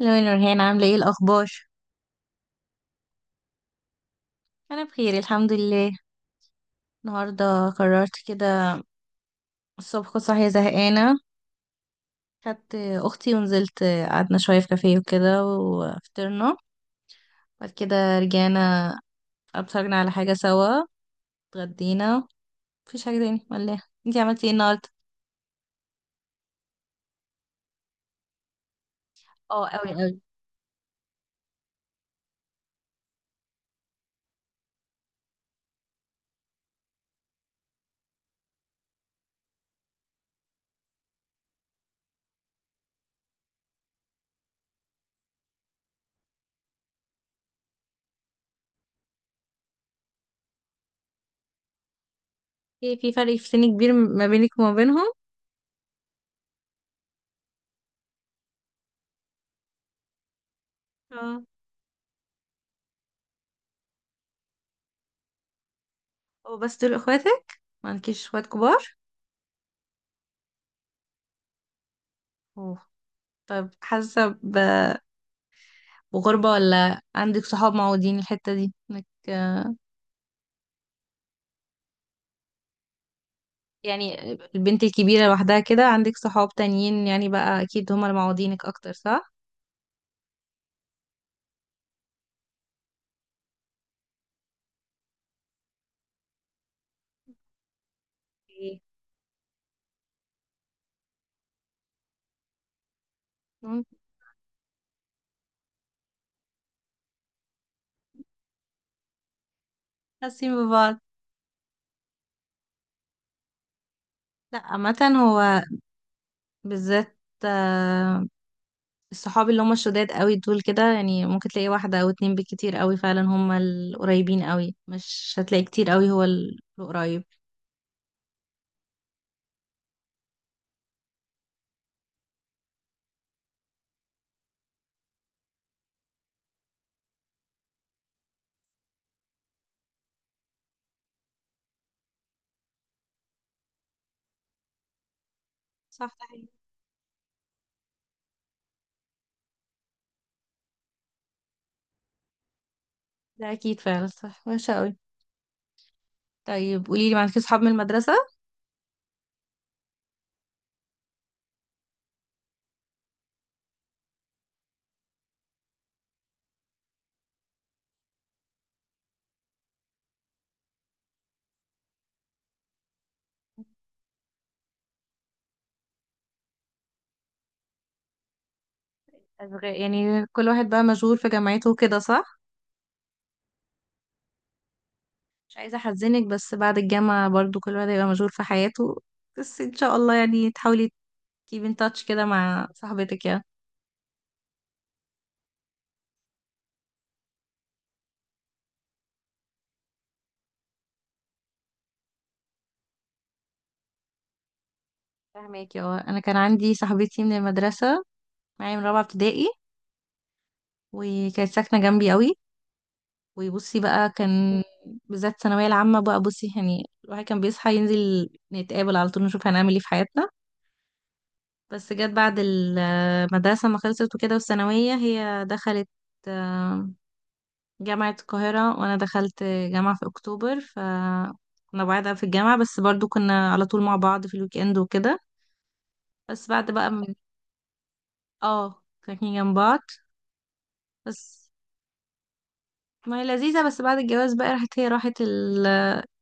لو نورهان عاملة ايه إيه الأخبار؟ أنا بخير الحمد لله. النهاردة قررت كده، الصبح كنت صاحية زهقانة، خدت أختي ونزلت، قعدنا شوية في كافيه وكده وفطرنا. بعد كده رجعنا، اتفرجنا على حاجة سوا، اتغدينا. مفيش حاجة تاني ولا؟ انتي عملتي ايه النهاردة؟ اه أوي أوي. في فرق في سن كبير ما بينك وما بينهم؟ اه. هو بس دول اخواتك؟ ما عندكيش اخوات كبار؟ أوه. طب حاسة بغربة ولا عندك صحاب معودين الحتة دي؟ انك يعني البنت الكبيرة لوحدها كده، عندك صحاب تانيين يعني بقى أكيد هما اللي معوضينك أكتر صح؟ إيه. مم، حاسين ببعض. لا عامة، هو بالذات آه، الصحاب اللي هما الشداد قوي دول كده يعني ممكن تلاقي واحدة أو اتنين بالكتير، قوي فعلا هما القريبين، قوي مش هتلاقي كتير قوي، هو القريب. صح ده حقيقي. ده أكيد فعلا صح، وحشة قوي. طيب قوليلي، معاكي صحاب من المدرسة؟ يعني كل واحد بقى مشغول في جامعته وكده صح؟ مش عايزة أحزنك بس بعد الجامعة برضو كل واحد هيبقى مشغول في حياته، بس إن شاء الله يعني تحاولي keep in touch كده مع صاحبتك يا. فاهمك يا، أنا كان عندي صاحبتي من المدرسة، معايا من رابعة ابتدائي، وكانت ساكنة جنبي قوي. وبصي بقى كان بالذات الثانوية العامة بقى، بصي يعني الواحد كان بيصحى ينزل نتقابل على طول، نشوف هنعمل ايه في حياتنا. بس جت بعد المدرسة ما خلصت وكده والثانوية، هي دخلت جامعة القاهرة وأنا دخلت جامعة في أكتوبر، ف كنا بعاد في الجامعة، بس برضو كنا على طول مع بعض في الويكند وكده. بس بعد بقى من... اه ساكنين جنب بعض. بس ما هي لذيذة، بس بعد الجواز بقى راحت، هي راحت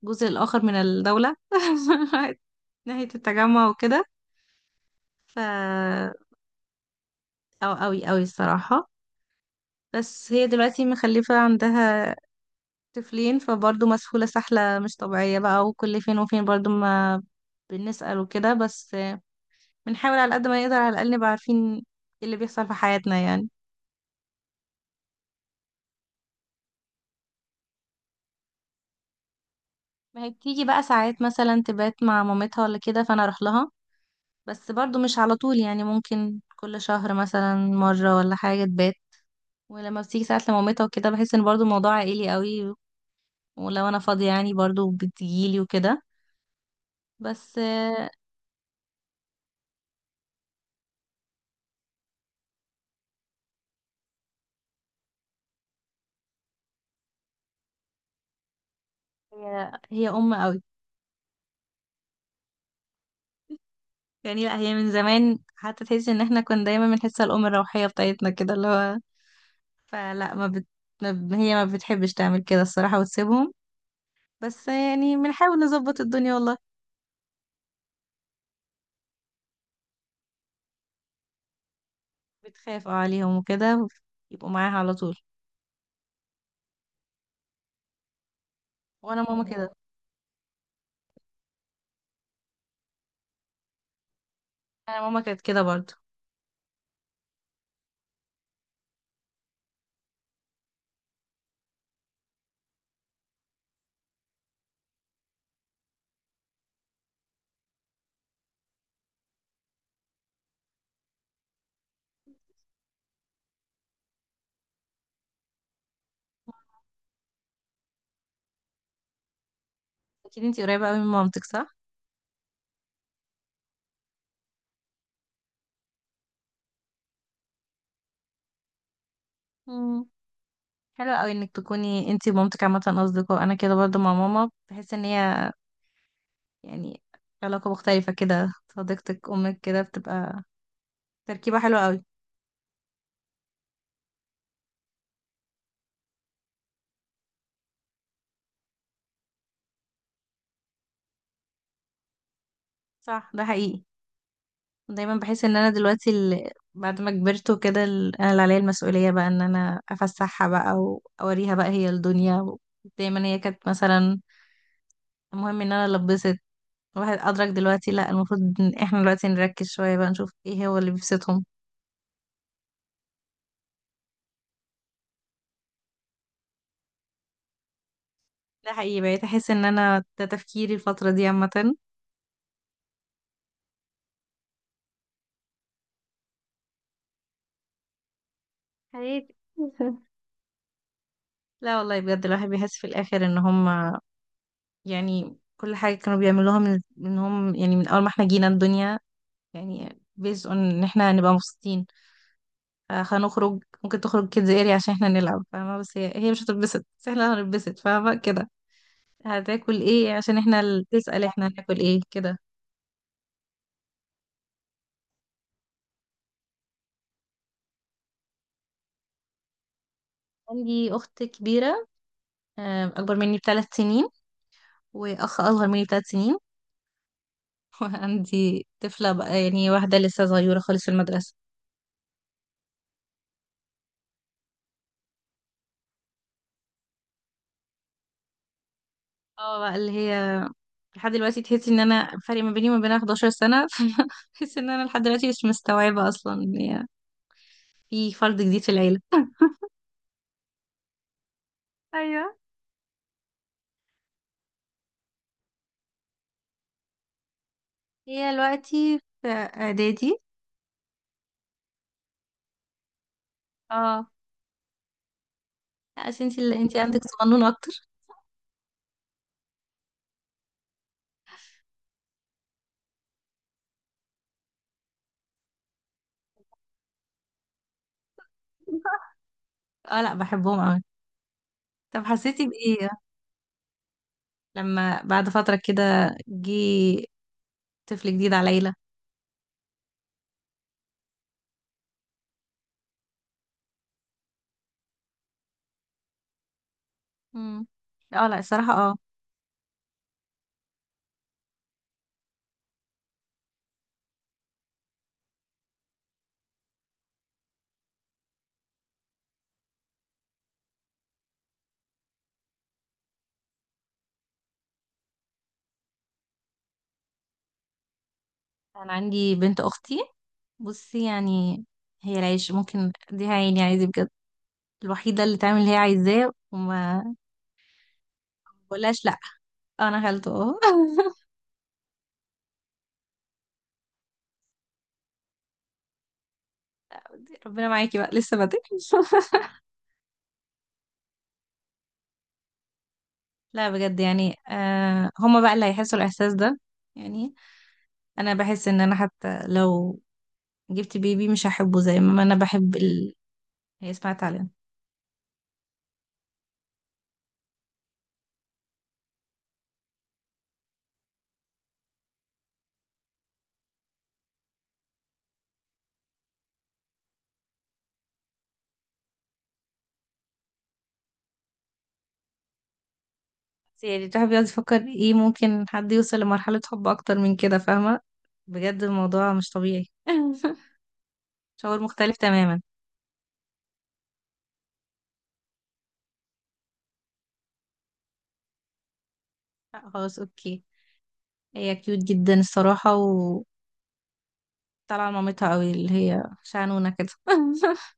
الجزء الآخر من الدولة راحت ناحية التجمع وكده، ف أو أوي أوي الصراحة. بس هي دلوقتي مخلفة عندها طفلين، فبرضه مسحولة سحلة مش طبيعية بقى، وكل فين وفين برضه ما بنسأل وكده، بس بنحاول على قد ما نقدر على الأقل نبقى عارفين ايه اللي بيحصل في حياتنا يعني. ما هي بتيجي بقى ساعات مثلا تبات مع مامتها ولا كده فأنا أروح لها، بس برضو مش على طول يعني، ممكن كل شهر مثلا مرة ولا حاجة تبات. ولما بتيجي ساعات لمامتها وكده بحس ان برضو الموضوع عائلي قوي، ولو أنا فاضية يعني برضو بتجيلي وكده، بس آه، هي أم قوي يعني. لا هي من زمان حتى تحس ان احنا كنا دايما بنحسها الأم الروحية بتاعتنا كده اللي هو، فلا ما هي ما بتحبش تعمل كده الصراحة وتسيبهم، بس يعني بنحاول نظبط الدنيا والله. بتخاف اه عليهم وكده، يبقوا معاها على طول. وانا ماما كده، انا ماما كانت كده برضو. اكيد انتي قريبة قوي من مامتك صح؟ امم. حلو قوي انك تكوني انتي ومامتك عامة اصدقاء، انا كده برضو مع ماما، بحس ان هي يعني علاقة مختلفة كده، صديقتك امك كده بتبقى تركيبة حلوة قوي. صح ده حقيقي. دايما بحس ان انا دلوقتي ال... بعد ما كبرت وكده ال... انا اللي عليا المسؤوليه بقى ان انا افسحها بقى، واوريها بقى هي الدنيا. دايما هي كانت مثلا المهم ان انا لبست، الواحد ادرك دلوقتي لا، المفروض ان احنا دلوقتي نركز شويه بقى نشوف ايه هو اللي بيبسطهم. ده حقيقي، بقيت احس ان انا ده تفكيري الفتره دي عامه، حياتي لا والله بجد الواحد بيحس في الاخر ان هم يعني كل حاجه كانوا بيعملوها من هم يعني، من اول ما احنا جينا الدنيا يعني based on ان احنا هنبقى مبسوطين. آه، هنخرج ممكن تخرج كيدز اريا عشان احنا نلعب، فاهمة، بس هي مش هتتبسط بس احنا هنتبسط، فاهمة كده. هتاكل ايه عشان احنا، اللي تسأل احنا هناكل ايه كده. عندي أخت كبيرة آه، أكبر مني ب3 سنين، وأخ أصغر مني ب3 سنين وعندي طفلة بقى يعني، واحدة لسه صغيرة خالص في المدرسة. اه بقى اللي هي لحد دلوقتي تحسي ان انا فرق ما بيني وما بينها 11 سنة تحس ان انا لحد دلوقتي مش مستوعبة اصلا ان هي في فرد جديد في العيلة. ايوه. هي دلوقتي في اعدادي. اه. لا، عشان انت اللي انت عندك صغنون اكتر اه لا بحبهم قوي. طب حسيتي بايه لما بعد فترة كده جه طفل جديد على ليلى؟ امم. اه لا الصراحة اه. انا عندي بنت اختي، بصي يعني هي العيش ممكن اديها عيني عادي بجد، الوحيدة اللي تعمل اللي هي عايزاه وما بقولهاش لا. آه، انا خالته اه ربنا معاكي بقى لسه بدري لا بجد يعني آه، هما بقى اللي هيحسوا الاحساس ده يعني. انا بحس ان انا حتى لو جبت بيبي مش هحبه زي ما انا بحب ال... هي اسمها تعليم. بس يعني الواحد بيقعد يفكر، ايه ممكن حد يوصل لمرحلة حب اكتر من كده؟ فاهمة، بجد الموضوع مش طبيعي شعور مختلف تماما. لا، خلاص اوكي. هي كيوت جدا الصراحة، وطالعة مامتها قوي اللي هي شعنونة كده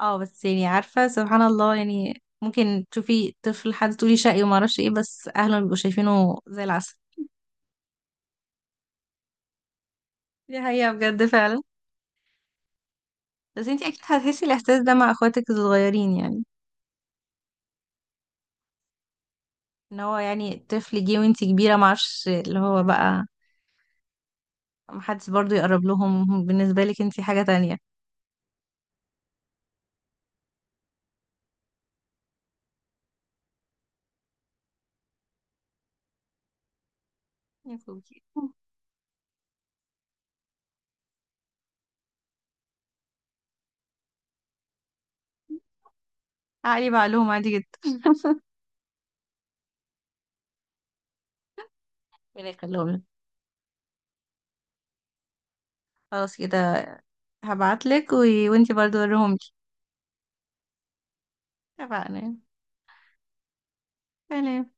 اه بس يعني عارفة سبحان الله، يعني ممكن تشوفي طفل حد تقولي شقي وما اعرفش ايه، بس اهله بيبقوا شايفينه زي العسل. دي حقيقة بجد فعلا. بس انتي اكيد هتحسي الاحساس ده مع اخواتك الصغيرين يعني، ان هو يعني طفل جه وانتي كبيرة معرفش اللي هو بقى، محدش برضو يقرب لهم، بالنسبة لك انتي حاجة تانية. يا خوكي. عقلي بقى لهم عادي جدا. ربنا يخليهم لك. خلاص كده، هبعتلك و... وانتي برضو وريهم لي. اتفقنا. سلام.